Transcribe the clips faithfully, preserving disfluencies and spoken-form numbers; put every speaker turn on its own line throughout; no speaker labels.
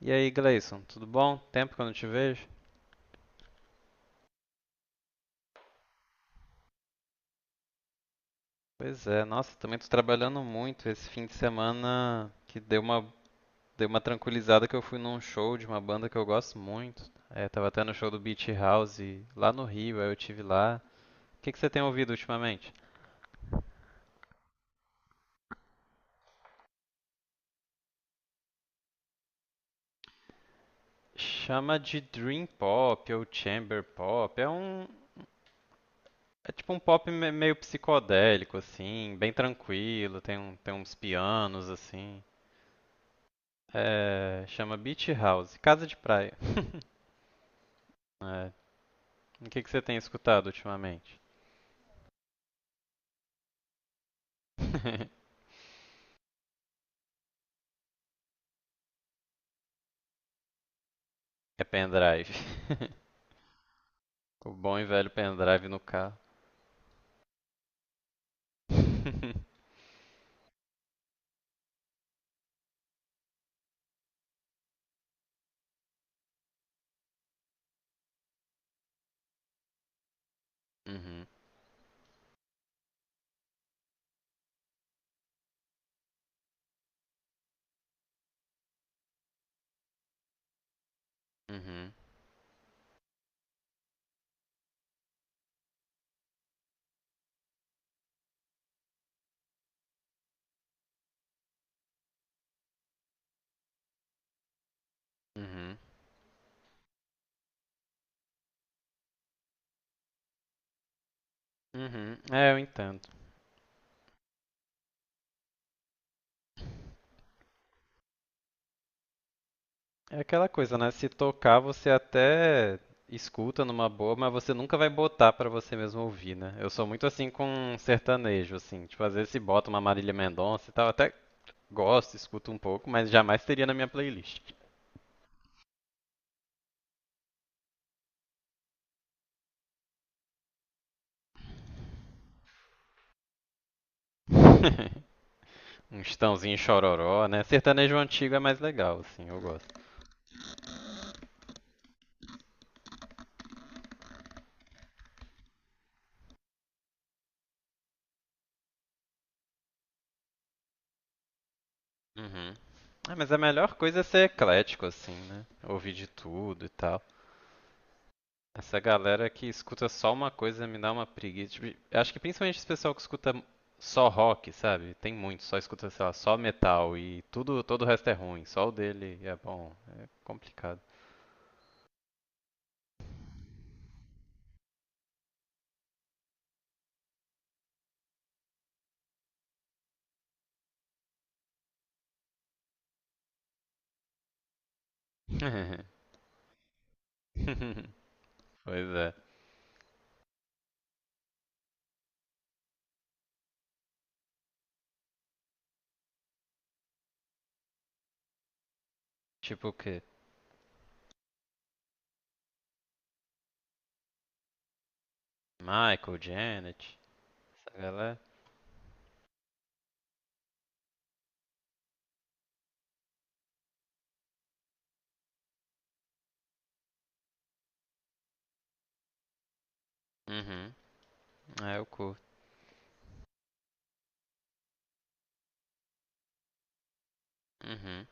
E aí, Gleison, tudo bom? Tempo que eu não te vejo? Pois é, nossa, também tô trabalhando muito esse fim de semana que deu uma, deu uma tranquilizada que eu fui num show de uma banda que eu gosto muito. É, tava até no show do Beach House lá no Rio, aí eu tive lá. O que que você tem ouvido ultimamente? Chama de Dream Pop ou Chamber Pop. É um, é tipo um pop me- meio psicodélico assim, bem tranquilo, tem um, tem uns pianos assim. É, chama Beach House, Casa de Praia. O que, que você tem escutado ultimamente? É pendrive. O bom e velho pendrive no carro. Uhum, uhum, uhum, uhum. É, eu entendo. É aquela coisa, né? Se tocar, você até escuta numa boa, mas você nunca vai botar pra você mesmo ouvir, né? Eu sou muito assim com sertanejo, assim. Tipo, às vezes se bota uma Marília Mendonça e tal, até gosto, escuto um pouco, mas jamais teria na minha playlist. Um Estãozinho chororó, né? Sertanejo antigo é mais legal, assim, eu gosto. Uhum. Ah, mas a melhor coisa é ser eclético, assim, né? Ouvir de tudo e tal. Essa galera que escuta só uma coisa me dá uma preguiça. Tipo, eu acho que principalmente esse pessoal que escuta só rock, sabe? Tem muito, só escuta, sei lá, só metal e tudo, todo o resto é ruim. Só o dele é bom. É complicado. Pois é. Tipo o quê? Michael, Janet, essa galera. Uhum. É, eu curto. Uhum,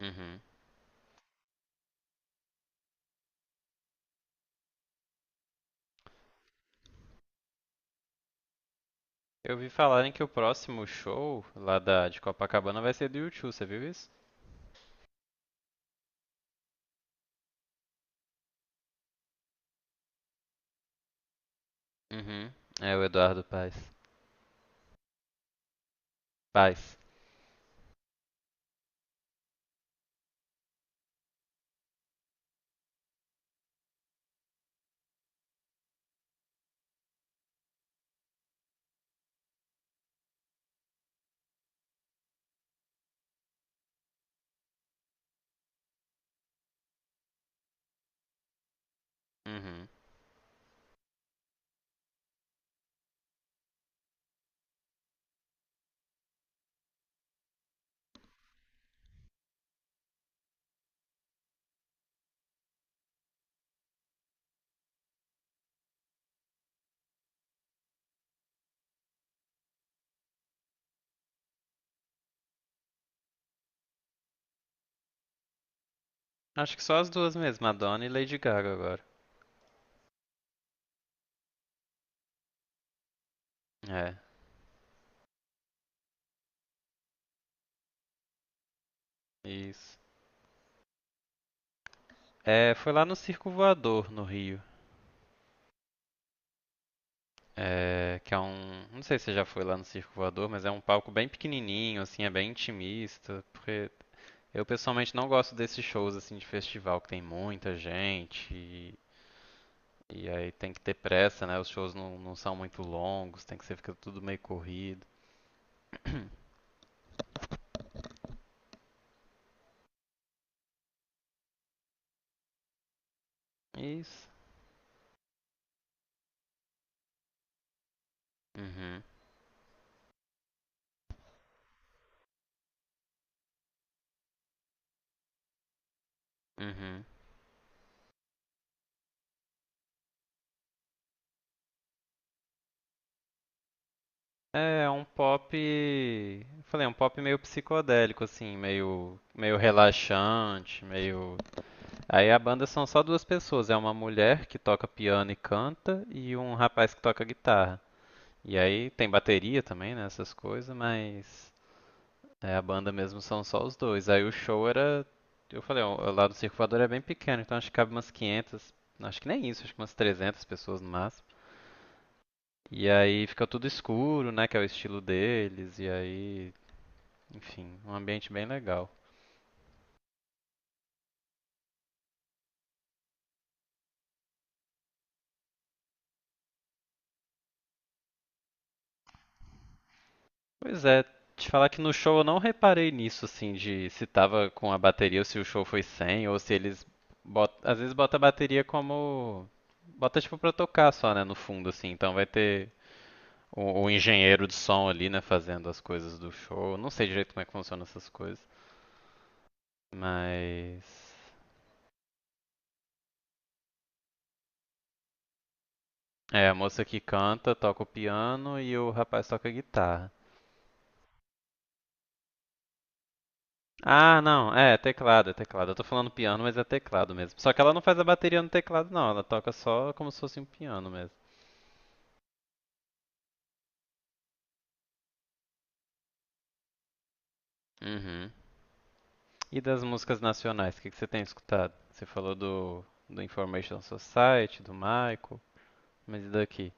uhum. Eu vi falarem que o próximo show lá da, de Copacabana vai ser do U dois, você viu isso? Uhum. É o Eduardo Paes. Paes. Uhum. Acho que só as duas mesmo, Madonna e Lady Gaga agora. É, isso. É, foi lá no Circo Voador, no Rio. É, que é um. Não sei se você já foi lá no Circo Voador, mas é um palco bem pequenininho, assim, é bem intimista. Porque eu pessoalmente não gosto desses shows, assim, de festival que tem muita gente. E aí tem que ter pressa, né? Os shows não, não são muito longos, tem que ser fica tudo meio corrido. É isso. Uhum. Uhum. É, é um pop, eu falei, é um pop meio psicodélico assim, meio meio relaxante, meio. Aí a banda são só duas pessoas, é uma mulher que toca piano e canta e um rapaz que toca guitarra. E aí tem bateria também, né, essas coisas, mas. É, a banda mesmo são só os dois. Aí o show era. Eu falei, ó, lá do Circulador é bem pequeno, então acho que cabe umas quinhentas. Acho que nem isso, acho que umas trezentas pessoas no máximo. E aí fica tudo escuro, né? Que é o estilo deles. E aí. Enfim, um ambiente bem legal. Pois é, te falar que no show eu não reparei nisso, assim, de se tava com a bateria ou se o show foi sem, ou se eles. bot- Às vezes bota a bateria como. Bota tipo pra tocar só, né? No fundo, assim. Então vai ter o, o engenheiro de som ali, né, fazendo as coisas do show. Não sei direito como é que funcionam essas coisas. Mas. É, a moça que canta, toca o piano e o rapaz toca a guitarra. Ah, não, é, é teclado, é teclado. Eu tô falando piano, mas é teclado mesmo. Só que ela não faz a bateria no teclado, não. Ela toca só como se fosse um piano mesmo. Uhum. E das músicas nacionais, o que que você tem escutado? Você falou do, do Information Society, do Michael, mas e daqui?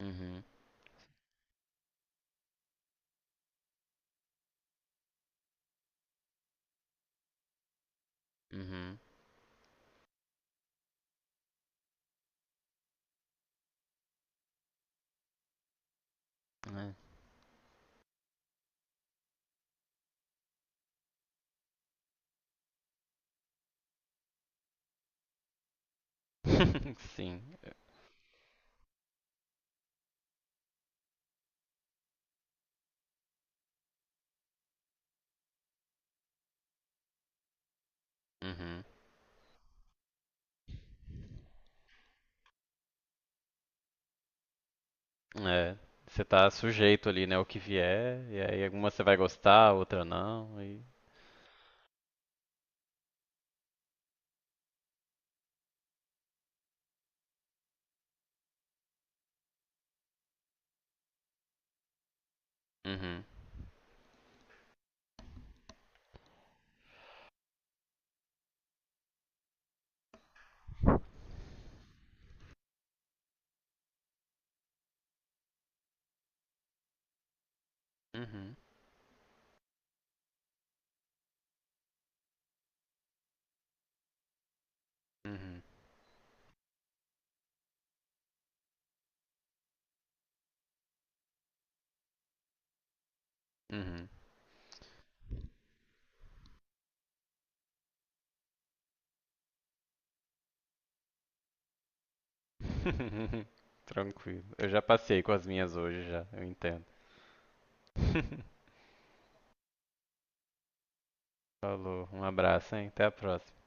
Uhum, uhum, é. Sim, uhum. É, você tá sujeito ali, né, o que vier, e aí alguma você vai gostar, outra não, e... Uhum, uhum, uhum, uhum. Tranquilo. Eu já passei com as minhas hoje já, eu entendo. Falou, um abraço, hein? Até a próxima.